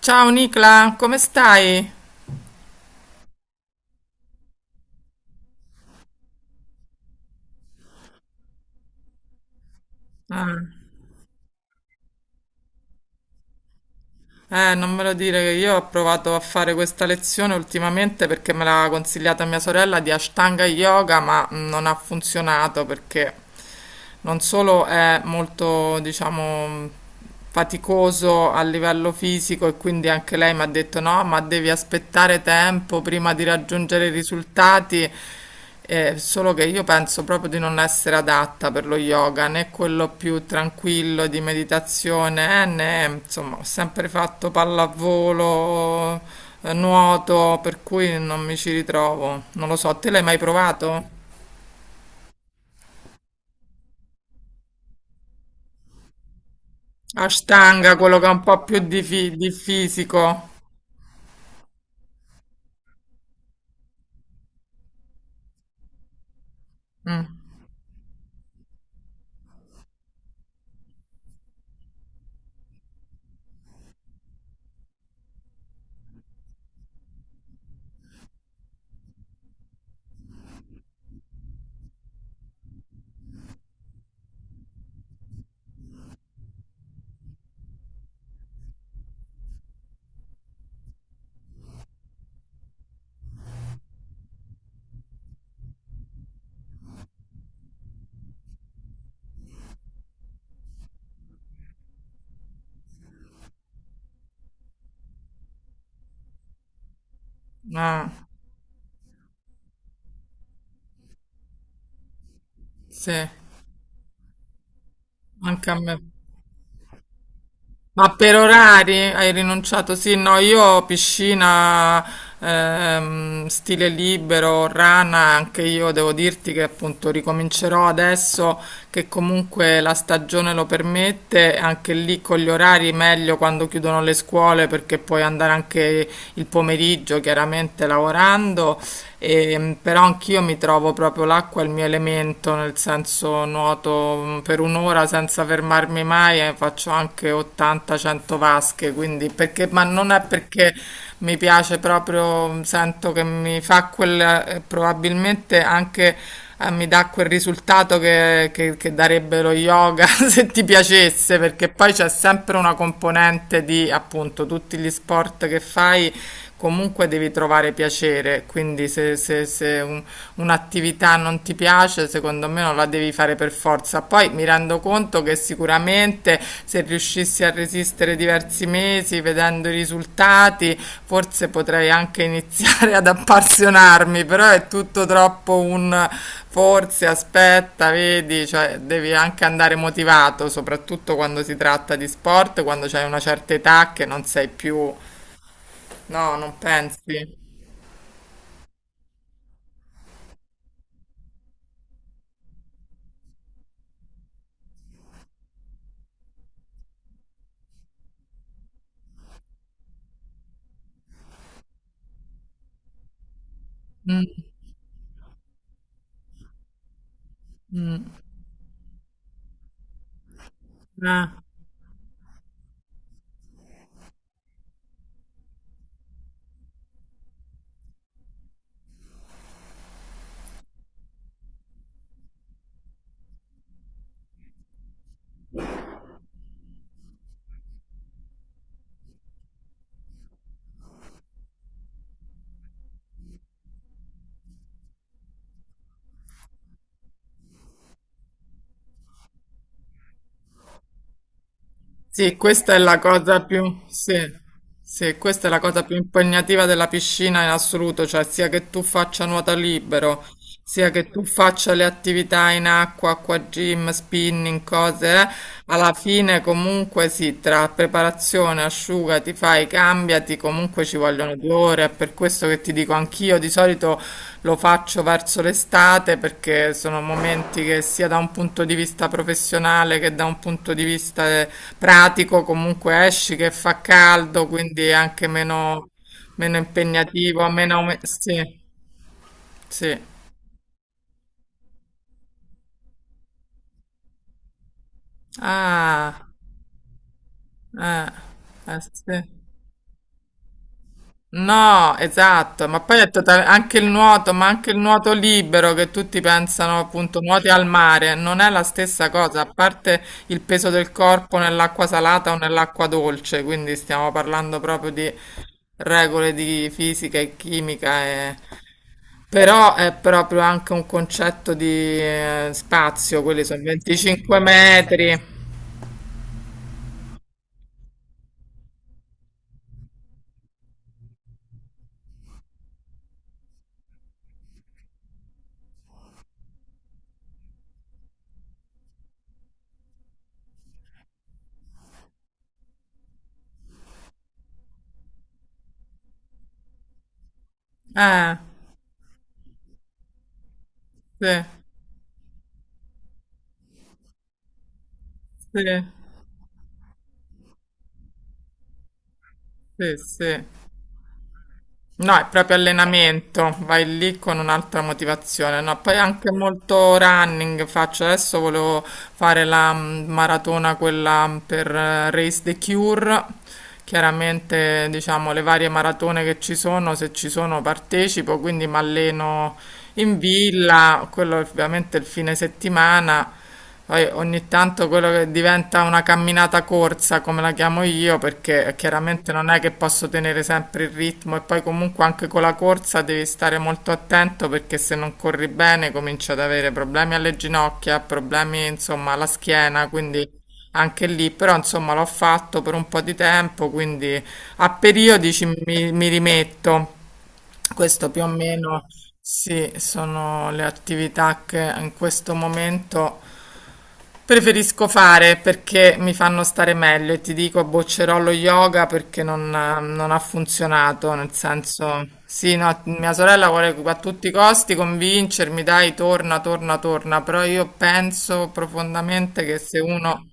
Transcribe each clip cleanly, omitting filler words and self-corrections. Ciao Nicla, come stai? Ah, Non me lo dire che io ho provato a fare questa lezione ultimamente perché me l'ha consigliata mia sorella di Ashtanga Yoga, ma non ha funzionato perché non solo è molto, diciamo, faticoso a livello fisico e quindi anche lei mi ha detto no, ma devi aspettare tempo prima di raggiungere i risultati. Solo che io penso proprio di non essere adatta per lo yoga, né quello più tranquillo di meditazione, né insomma, ho sempre fatto pallavolo, nuoto, per cui non mi ci ritrovo. Non lo so, te l'hai mai provato? Ashtanga, quello che ha un po' più di, di fisico. Mm, ah, sì, anche a me. Ma per orari hai rinunciato? Sì, no, io piscina, stile libero, rana, anche io devo dirti che appunto ricomincerò adesso che comunque la stagione lo permette, anche lì con gli orari meglio quando chiudono le scuole perché puoi andare anche il pomeriggio chiaramente lavorando, e, però anch'io mi trovo proprio l'acqua è il mio elemento, nel senso nuoto per un'ora senza fermarmi mai e faccio anche 80-100 vasche, quindi perché, ma non è perché mi piace proprio, sento che mi fa quel, probabilmente anche mi dà quel risultato che, che darebbe lo yoga se ti piacesse, perché poi c'è sempre una componente di appunto tutti gli sport che fai. Comunque devi trovare piacere, quindi se, se un'attività non ti piace, secondo me non la devi fare per forza. Poi mi rendo conto che sicuramente se riuscissi a resistere diversi mesi vedendo i risultati, forse potrei anche iniziare ad appassionarmi, però è tutto troppo un forse, aspetta, vedi, cioè devi anche andare motivato, soprattutto quando si tratta di sport, quando c'hai una certa età che non sei più, no, non pensi? Mm, mm, eh. Sì, questa è la cosa sì, questa è la cosa più impegnativa della piscina in assoluto, cioè sia che tu faccia nuoto libero, sia che tu faccia le attività in acqua, acqua gym, spinning, cose, alla fine comunque sì, tra preparazione, asciugamano ti fai, cambiati, comunque ci vogliono due ore, è per questo che ti dico anch'io, di solito lo faccio verso l'estate perché sono momenti che sia da un punto di vista professionale che da un punto di vista pratico comunque esci che fa caldo, quindi è anche meno, meno impegnativo, meno... Sì, sì. Ah, eh, eh sì. No, esatto, ma poi è anche il nuoto, ma anche il nuoto libero che tutti pensano appunto nuoti al mare, non è la stessa cosa, a parte il peso del corpo nell'acqua salata o nell'acqua dolce, quindi stiamo parlando proprio di regole di fisica e chimica e- Però è proprio anche un concetto di spazio, quelli sono 25 metri. Eh, sì, sì, sì, sì. No, è proprio allenamento, vai lì con un'altra motivazione, no? Poi anche molto running faccio, adesso volevo fare la maratona quella per Race the Cure, chiaramente diciamo le varie maratone che ci sono, se ci sono partecipo, quindi mi alleno in villa, quello è ovviamente il fine settimana, poi ogni tanto quello che diventa una camminata corsa, come la chiamo io, perché chiaramente non è che posso tenere sempre il ritmo e poi comunque anche con la corsa devi stare molto attento perché se non corri bene cominci ad avere problemi alle ginocchia, problemi insomma alla schiena, quindi anche lì, però insomma l'ho fatto per un po' di tempo, quindi a periodi mi, mi rimetto. Questo più o meno sì, sono le attività che in questo momento preferisco fare perché mi fanno stare meglio e ti dico boccerò lo yoga perché non, non ha funzionato, nel senso, sì, no, mia sorella vuole a tutti i costi convincermi, dai, torna, torna, torna, però io penso profondamente che se uno...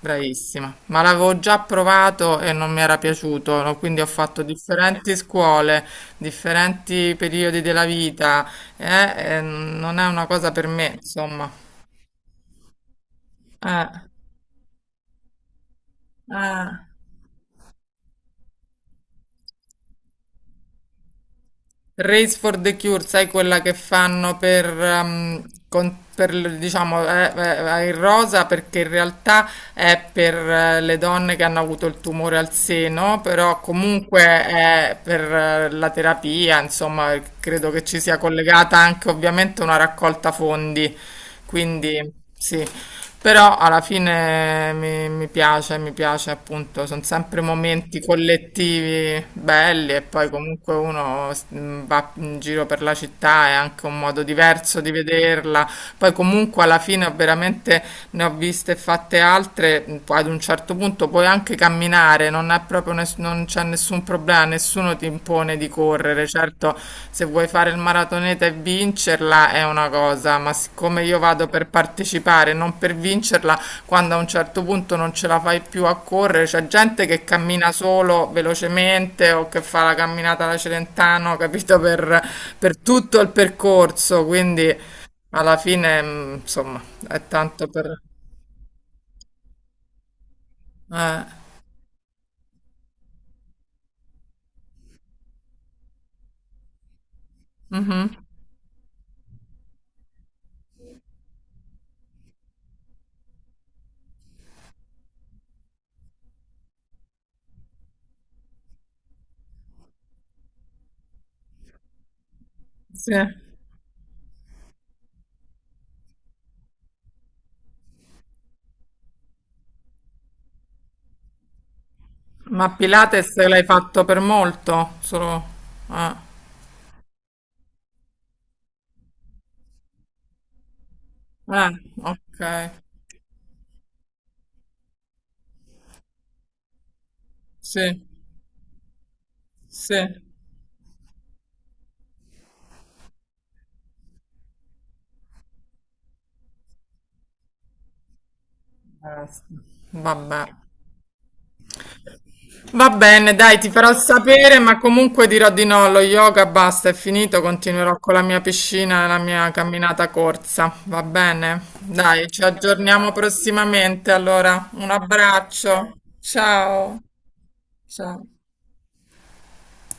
Bravissima, ma l'avevo già provato e non mi era piaciuto, no? Quindi ho fatto differenti scuole, differenti periodi della vita, e non è una cosa per me, insomma. Eh, eh. Race for the Cure, sai quella che fanno per, per, diciamo, il rosa perché in realtà è per le donne che hanno avuto il tumore al seno, però comunque è per la terapia, insomma, credo che ci sia collegata anche ovviamente una raccolta fondi, quindi sì. Però alla fine mi, mi piace appunto, sono sempre momenti collettivi belli e poi comunque uno va in giro per la città, è anche un modo diverso di vederla. Poi comunque alla fine ho veramente ne ho viste e fatte altre, poi ad un certo punto puoi anche camminare, non è proprio non c'è nessun un problema, nessuno ti impone di correre. Certo, se vuoi fare il maratoneta e vincerla è una cosa, ma siccome io vado per partecipare, non per vincerla, quando a un certo punto non ce la fai più a correre, c'è gente che cammina solo velocemente o che fa la camminata alla Celentano, capito, per tutto il percorso, quindi alla fine, insomma, è tanto per... Eh, mhm, sì. Ma Pilates l'hai fatto per molto? Solo... Ah, ah, ok. Sì, sì. Sì. Vabbè. Va bene, dai, ti farò sapere, ma comunque dirò di no, lo yoga basta, è finito, continuerò con la mia piscina e la mia camminata corsa. Va bene? Dai, ci aggiorniamo prossimamente, allora. Un abbraccio. Ciao. Ciao.